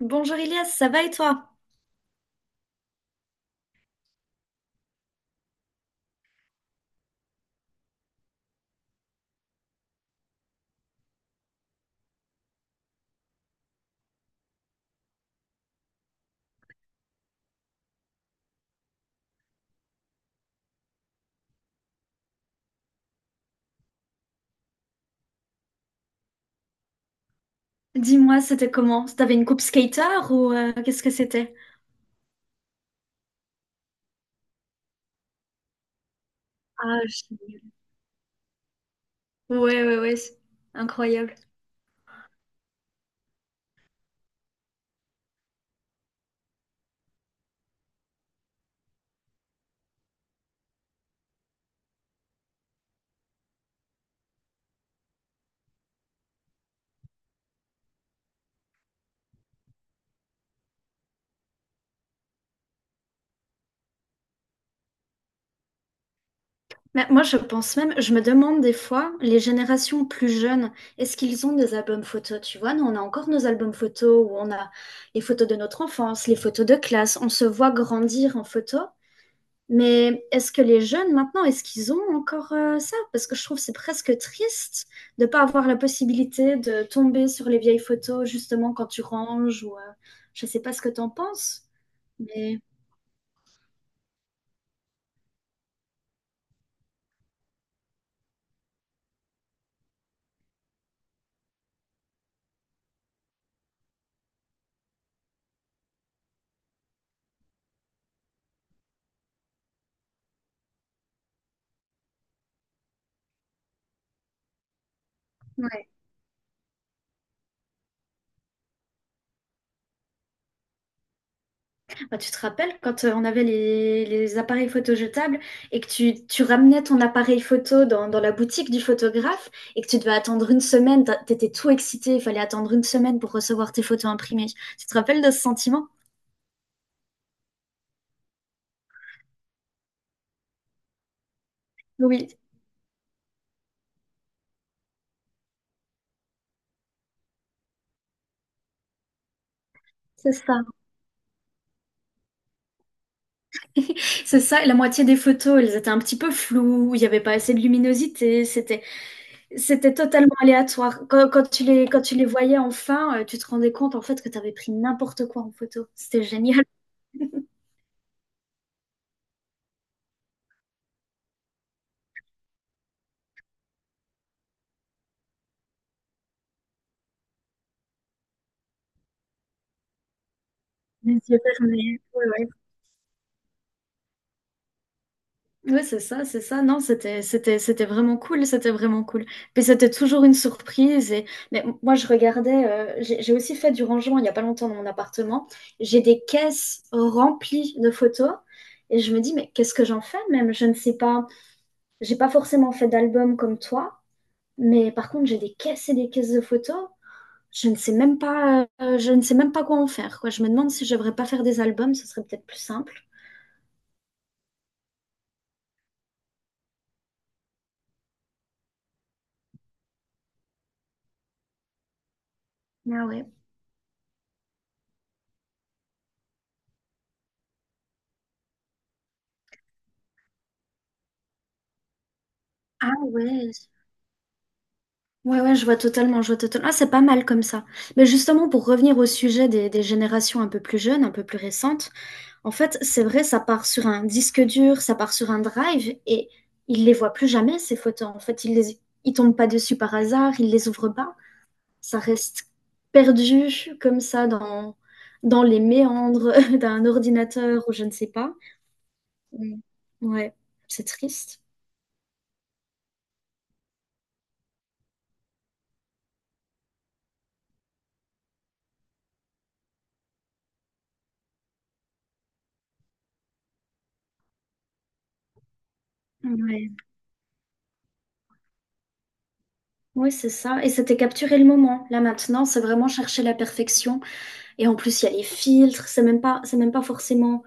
Bonjour Elias, ça va et toi? Dis-moi, c'était comment? T'avais une coupe skater ou qu'est-ce que c'était? Ah, je- ouais, c'est incroyable. Mais moi, je pense même, je me demande des fois, les générations plus jeunes, est-ce qu'ils ont des albums photos? Tu vois, nous, on a encore nos albums photos où on a les photos de notre enfance, les photos de classe, on se voit grandir en photo. Mais est-ce que les jeunes maintenant, est-ce qu'ils ont encore ça? Parce que je trouve que c'est presque triste de ne pas avoir la possibilité de tomber sur les vieilles photos justement quand tu ranges ou je ne sais pas ce que tu en penses. Mais ouais. Bah, tu te rappelles quand on avait les appareils photo jetables et que tu ramenais ton appareil photo dans la boutique du photographe et que tu devais attendre une semaine, t'étais tout excité, il fallait attendre une semaine pour recevoir tes photos imprimées. Tu te rappelles de ce sentiment? Oui, c'est ça. C'est ça, et la moitié des photos, elles étaient un petit peu floues, il n'y avait pas assez de luminosité, c'était totalement aléatoire. Quand tu les voyais enfin, tu te rendais compte en fait que tu avais pris n'importe quoi en photo. C'était génial. Les yeux fermés. Ouais, ouais. Ouais, c'est ça, c'est ça. Non, c'était vraiment cool, c'était vraiment cool. Puis c'était toujours une surprise. Et... Mais moi, je regardais, j'ai aussi fait du rangement il n'y a pas longtemps dans mon appartement. J'ai des caisses remplies de photos. Et je me dis, mais qu'est-ce que j'en fais même? Je ne sais pas. J'ai pas forcément fait d'album comme toi, mais par contre, j'ai des caisses et des caisses de photos. Je ne sais même pas, je ne sais même pas quoi en faire, quoi. Je me demande si je devrais pas faire des albums, ce serait peut-être plus simple. Ah ouais. Ah ouais. Ouais, ouais, je vois totalement, je vois totalement. Ah, c'est pas mal comme ça. Mais justement, pour revenir au sujet des générations un peu plus jeunes, un peu plus récentes, en fait, c'est vrai, ça part sur un disque dur, ça part sur un drive, et ils les voient plus jamais, ces photos. En fait, ils tombent pas dessus par hasard, ils les ouvrent pas. Ça reste perdu comme ça dans les méandres d'un ordinateur ou je ne sais pas. Mm. Ouais, c'est triste. Ouais, ouais, c'est ça. Et c'était capturer le moment. Là maintenant, c'est vraiment chercher la perfection. Et en plus, il y a les filtres. C'est même pas forcément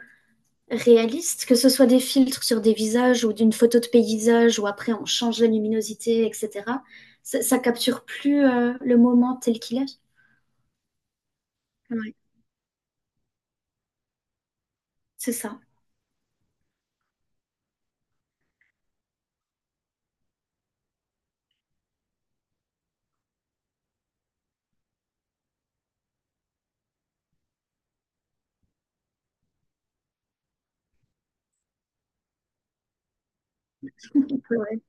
réaliste, que ce soit des filtres sur des visages ou d'une photo de paysage où après on change la luminosité, etc. Ça capture plus le moment tel qu'il est. Ouais, c'est ça. Ouais.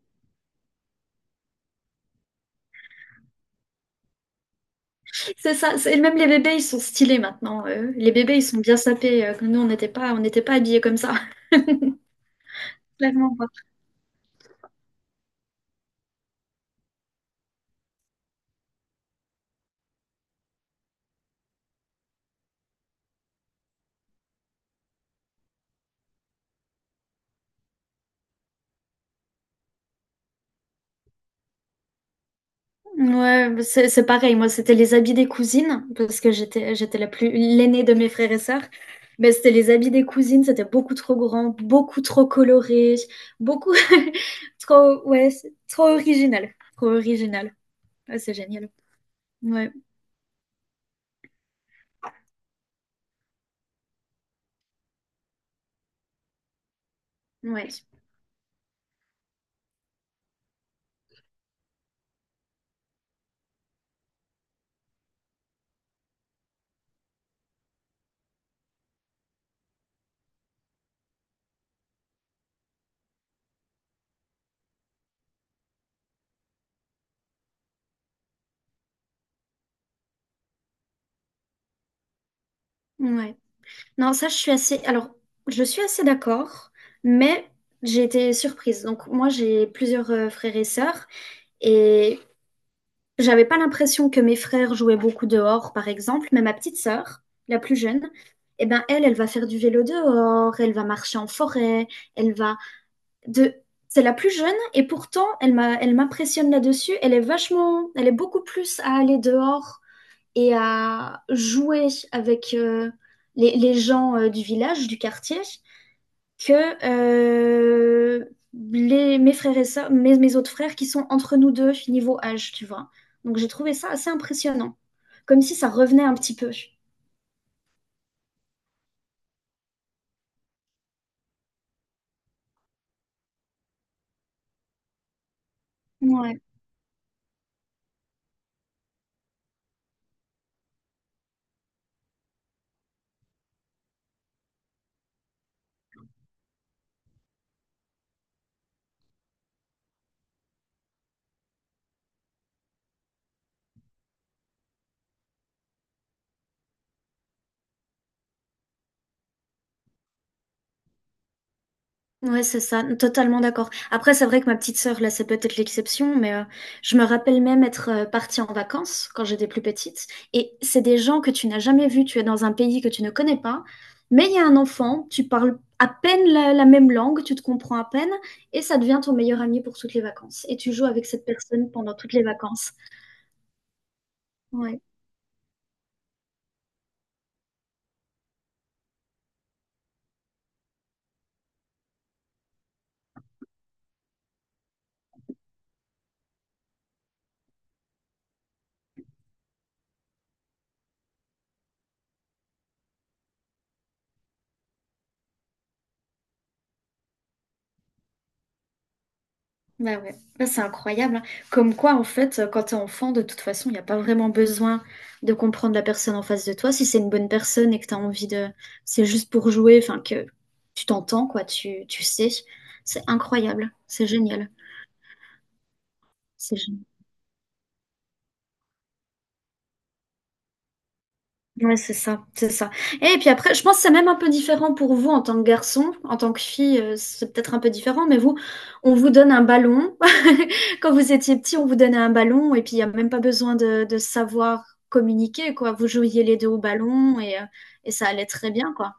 C'est ça, c'est- même les bébés, ils sont stylés maintenant. Euh. Les bébés, ils sont bien sapés. Que nous, on n'était pas habillés comme ça. Clairement pas. Ouais, bah, c'est pareil. Moi, c'était les habits des cousines, parce que j'étais la plus l'aînée de mes frères et sœurs. Mais c'était les habits des cousines, c'était beaucoup trop grand, beaucoup trop coloré, beaucoup trop, ouais, c'est trop original. Trop original. Ouais, c'est génial. Ouais, ouais, ouais. Non, ça, je suis assez. Alors, je suis assez d'accord, mais j'ai été surprise. Donc, moi, j'ai plusieurs frères et sœurs, et j'avais pas l'impression que mes frères jouaient beaucoup dehors, par exemple. Mais ma petite sœur, la plus jeune, eh ben, elle, elle va faire du vélo dehors, elle va marcher en forêt, elle va de. C'est la plus jeune, et pourtant, elle m'impressionne là-dessus. Elle est vachement, elle est beaucoup plus à aller dehors et à jouer avec les gens du village, du quartier, que mes frères et sœurs, mes autres frères qui sont entre nous deux niveau âge, tu vois. Donc j'ai trouvé ça assez impressionnant, comme si ça revenait un petit peu. Ouais. Ouais, c'est ça, totalement d'accord. Après, c'est vrai que ma petite sœur, là, c'est peut-être l'exception, je me rappelle même être partie en vacances quand j'étais plus petite. Et c'est des gens que tu n'as jamais vus, tu es dans un pays que tu ne connais pas, mais il y a un enfant, tu parles à peine la même langue, tu te comprends à peine, et ça devient ton meilleur ami pour toutes les vacances. Et tu joues avec cette personne pendant toutes les vacances. Ouais. Bah ouais, bah, c'est incroyable, hein. Comme quoi, en fait, quand t'es enfant, de toute façon, il n'y a pas vraiment besoin de comprendre la personne en face de toi. Si c'est une bonne personne et que t'as envie de... C'est juste pour jouer, enfin, que tu t'entends, quoi, tu sais. C'est incroyable. C'est génial. C'est génial. Ouais, c'est ça, c'est ça. Et puis après, je pense que c'est même un peu différent pour vous en tant que garçon, en tant que fille, c'est peut-être un peu différent, mais vous, on vous donne un ballon. Quand vous étiez petit, on vous donnait un ballon et puis il n'y a même pas besoin de savoir communiquer, quoi. Vous jouiez les deux au ballon et ça allait très bien, quoi.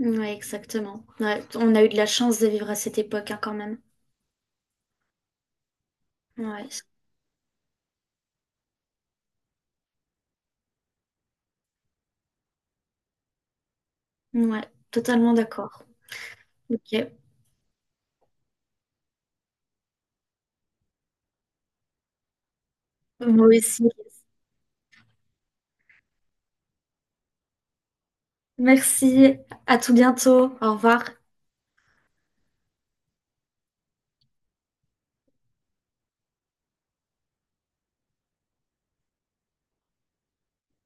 Ouais, exactement. Ouais, on a eu de la chance de vivre à cette époque, hein, quand même. Ouais, ouais, totalement d'accord. Ok, moi aussi. Merci, à tout bientôt. Au revoir.